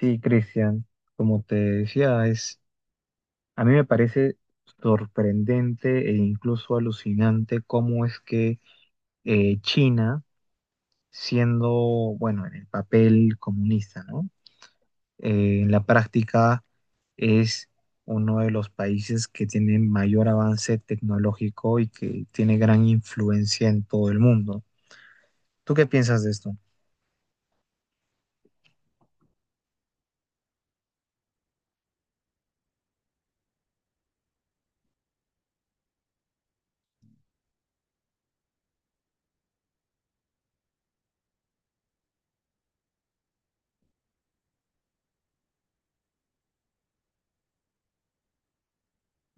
Sí, Cristian, como te decía, es, a mí me parece sorprendente e incluso alucinante cómo es que China, siendo, bueno, en el papel comunista, ¿no? En la práctica es uno de los países que tiene mayor avance tecnológico y que tiene gran influencia en todo el mundo. ¿Tú qué piensas de esto?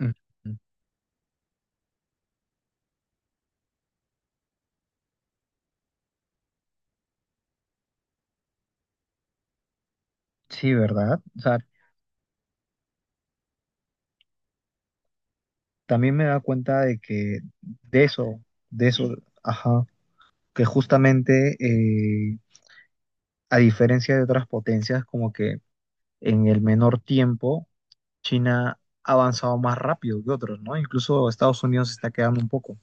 Mm, Sí, ¿verdad? O sea, también me da cuenta de que de eso, de eso, ajá, que justamente a diferencia de otras potencias, como que en el menor tiempo China ha avanzado más rápido que otros, ¿no? Incluso Estados Unidos se está quedando un poco.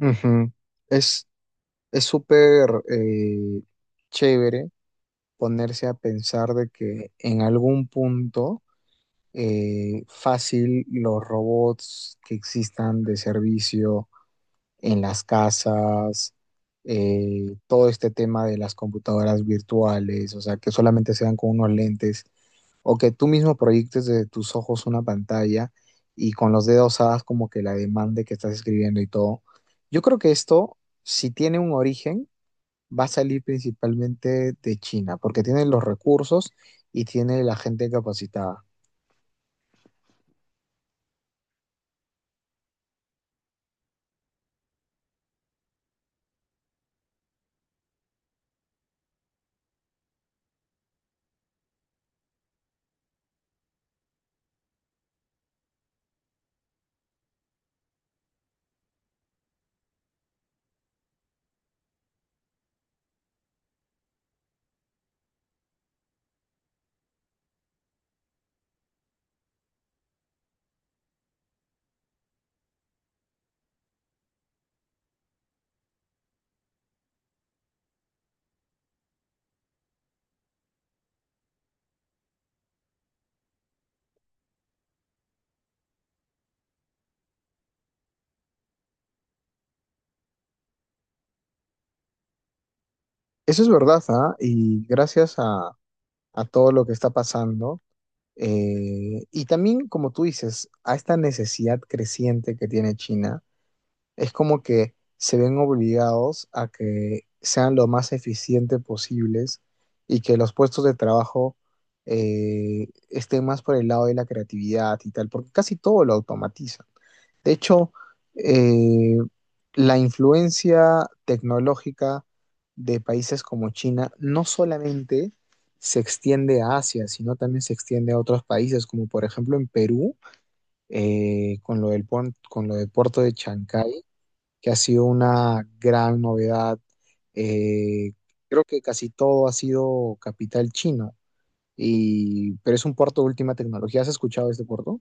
Ujú. Es, es súper chévere ponerse a pensar de que en algún punto fácil los robots que existan de servicio en las casas, todo este tema de las computadoras virtuales, o sea, que solamente sean con unos lentes, o que tú mismo proyectes de tus ojos una pantalla y con los dedos hagas como que la demanda que estás escribiendo y todo. Yo creo que esto, si tiene un origen, va a salir principalmente de China, porque tiene los recursos y tiene la gente capacitada. Eso es verdad, ¿ah? Y gracias a todo lo que está pasando. Y también, como tú dices, a esta necesidad creciente que tiene China, es como que se ven obligados a que sean lo más eficientes posibles y que los puestos de trabajo estén más por el lado de la creatividad y tal, porque casi todo lo automatiza. De hecho, eh, la influencia tecnológica de países como China no solamente se extiende a Asia, sino también se extiende a otros países, como por ejemplo en Perú, con lo del, con lo del puerto de Chancay, que ha sido una gran novedad. Eh, creo que casi todo ha sido capital chino, y, pero es un puerto de última tecnología. ¿Has escuchado de este puerto?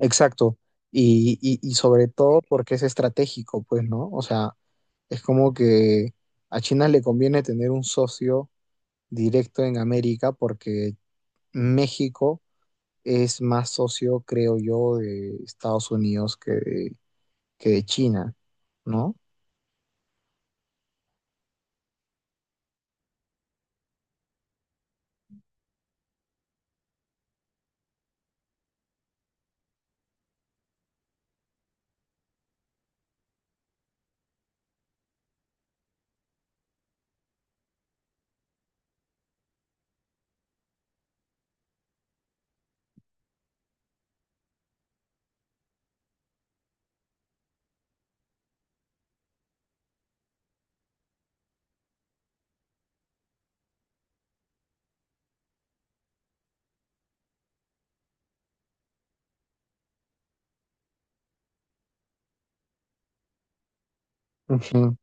Exacto. Y sobre todo porque es estratégico, pues, ¿no? O sea, es como que a China le conviene tener un socio directo en América porque México es más socio, creo yo, de Estados Unidos que de China, ¿no? Ujú.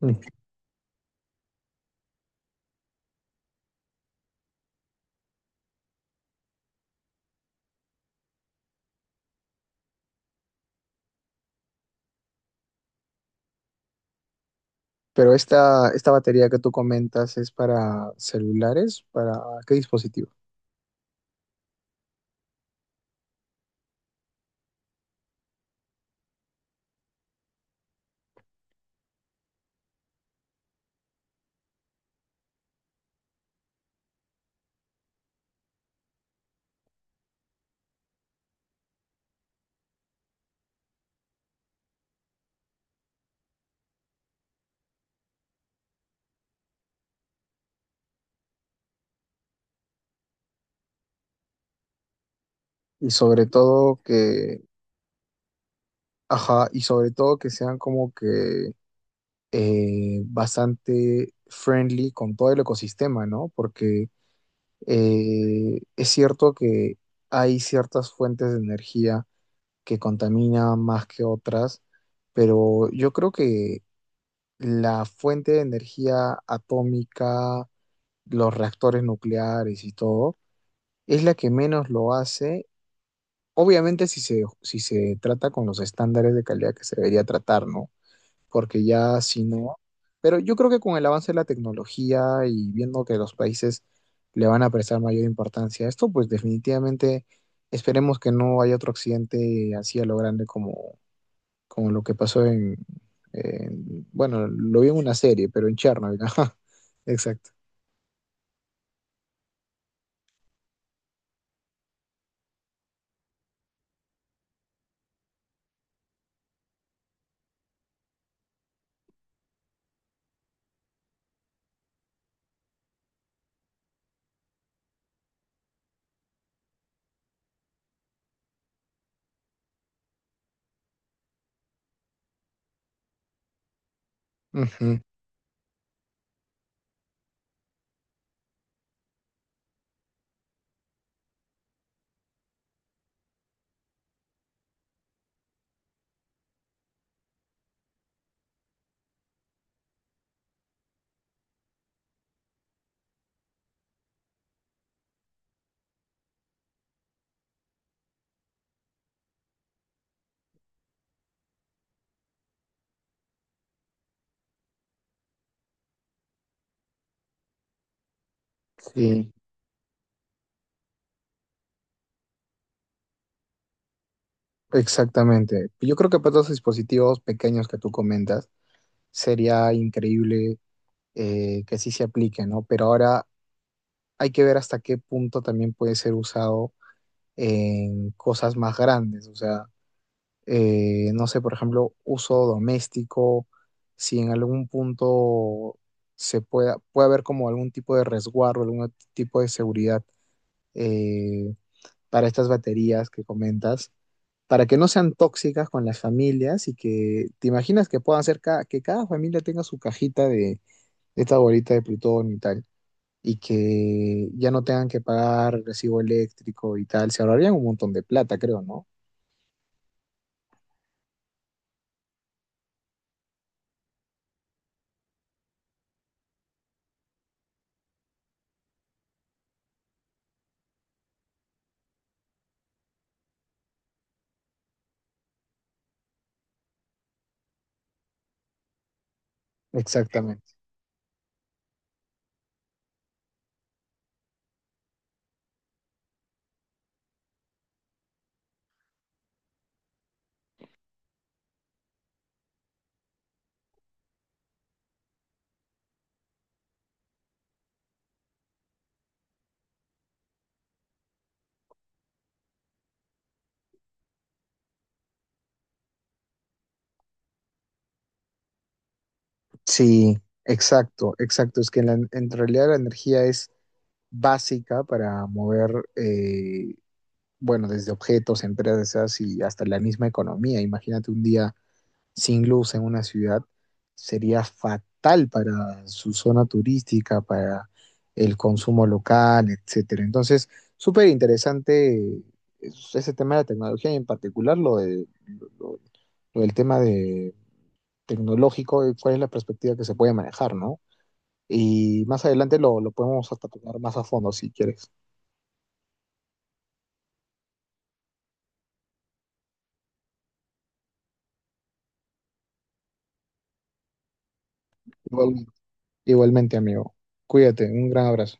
Ujú. Pero esta batería que tú comentas es para celulares, ¿para qué dispositivo? Y sobre todo que, ajá, y sobre todo que sean como que bastante friendly con todo el ecosistema, ¿no? Porque es cierto que hay ciertas fuentes de energía que contaminan más que otras, pero yo creo que la fuente de energía atómica, los reactores nucleares y todo, es la que menos lo hace. Obviamente si se trata con los estándares de calidad que se debería tratar, ¿no? Porque ya si no, pero yo creo que con el avance de la tecnología y viendo que los países le van a prestar mayor importancia a esto, pues definitivamente esperemos que no haya otro accidente así a lo grande como, como lo que pasó en- bueno, lo vi en una serie, pero en Chernobyl, ajá, exacto. Ujú. Sí, exactamente. Yo creo que para todos los dispositivos pequeños que tú comentas, sería increíble que sí se aplique, ¿no? Pero ahora hay que ver hasta qué punto también puede ser usado en cosas más grandes. O sea, no sé, por ejemplo, uso doméstico, si en algún punto puede haber como algún tipo de resguardo, algún tipo de seguridad eh, para estas baterías que comentas, para que no sean tóxicas con las familias y que te imaginas que puedan ser que cada familia tenga su cajita de esta bolita de plutonio y tal y que ya no tengan que pagar recibo eléctrico y tal, se ahorrarían un montón de plata, creo, ¿no? Exactamente. Sí, exacto, exacto. Es que en realidad la energía es básica para mover, eh, bueno, desde objetos, empresas y hasta la misma economía. Imagínate un día sin luz en una ciudad sería fatal para su zona turística, para el consumo local, etcétera. Entonces, súper interesante ese tema de la tecnología y en particular lo- lo del tema de tecnológico, cuál es la perspectiva que se puede manejar, ¿no? Y más adelante lo podemos hasta tocar más a fondo si quieres. Igual- Igualmente, amigo. Cuídate, un gran abrazo.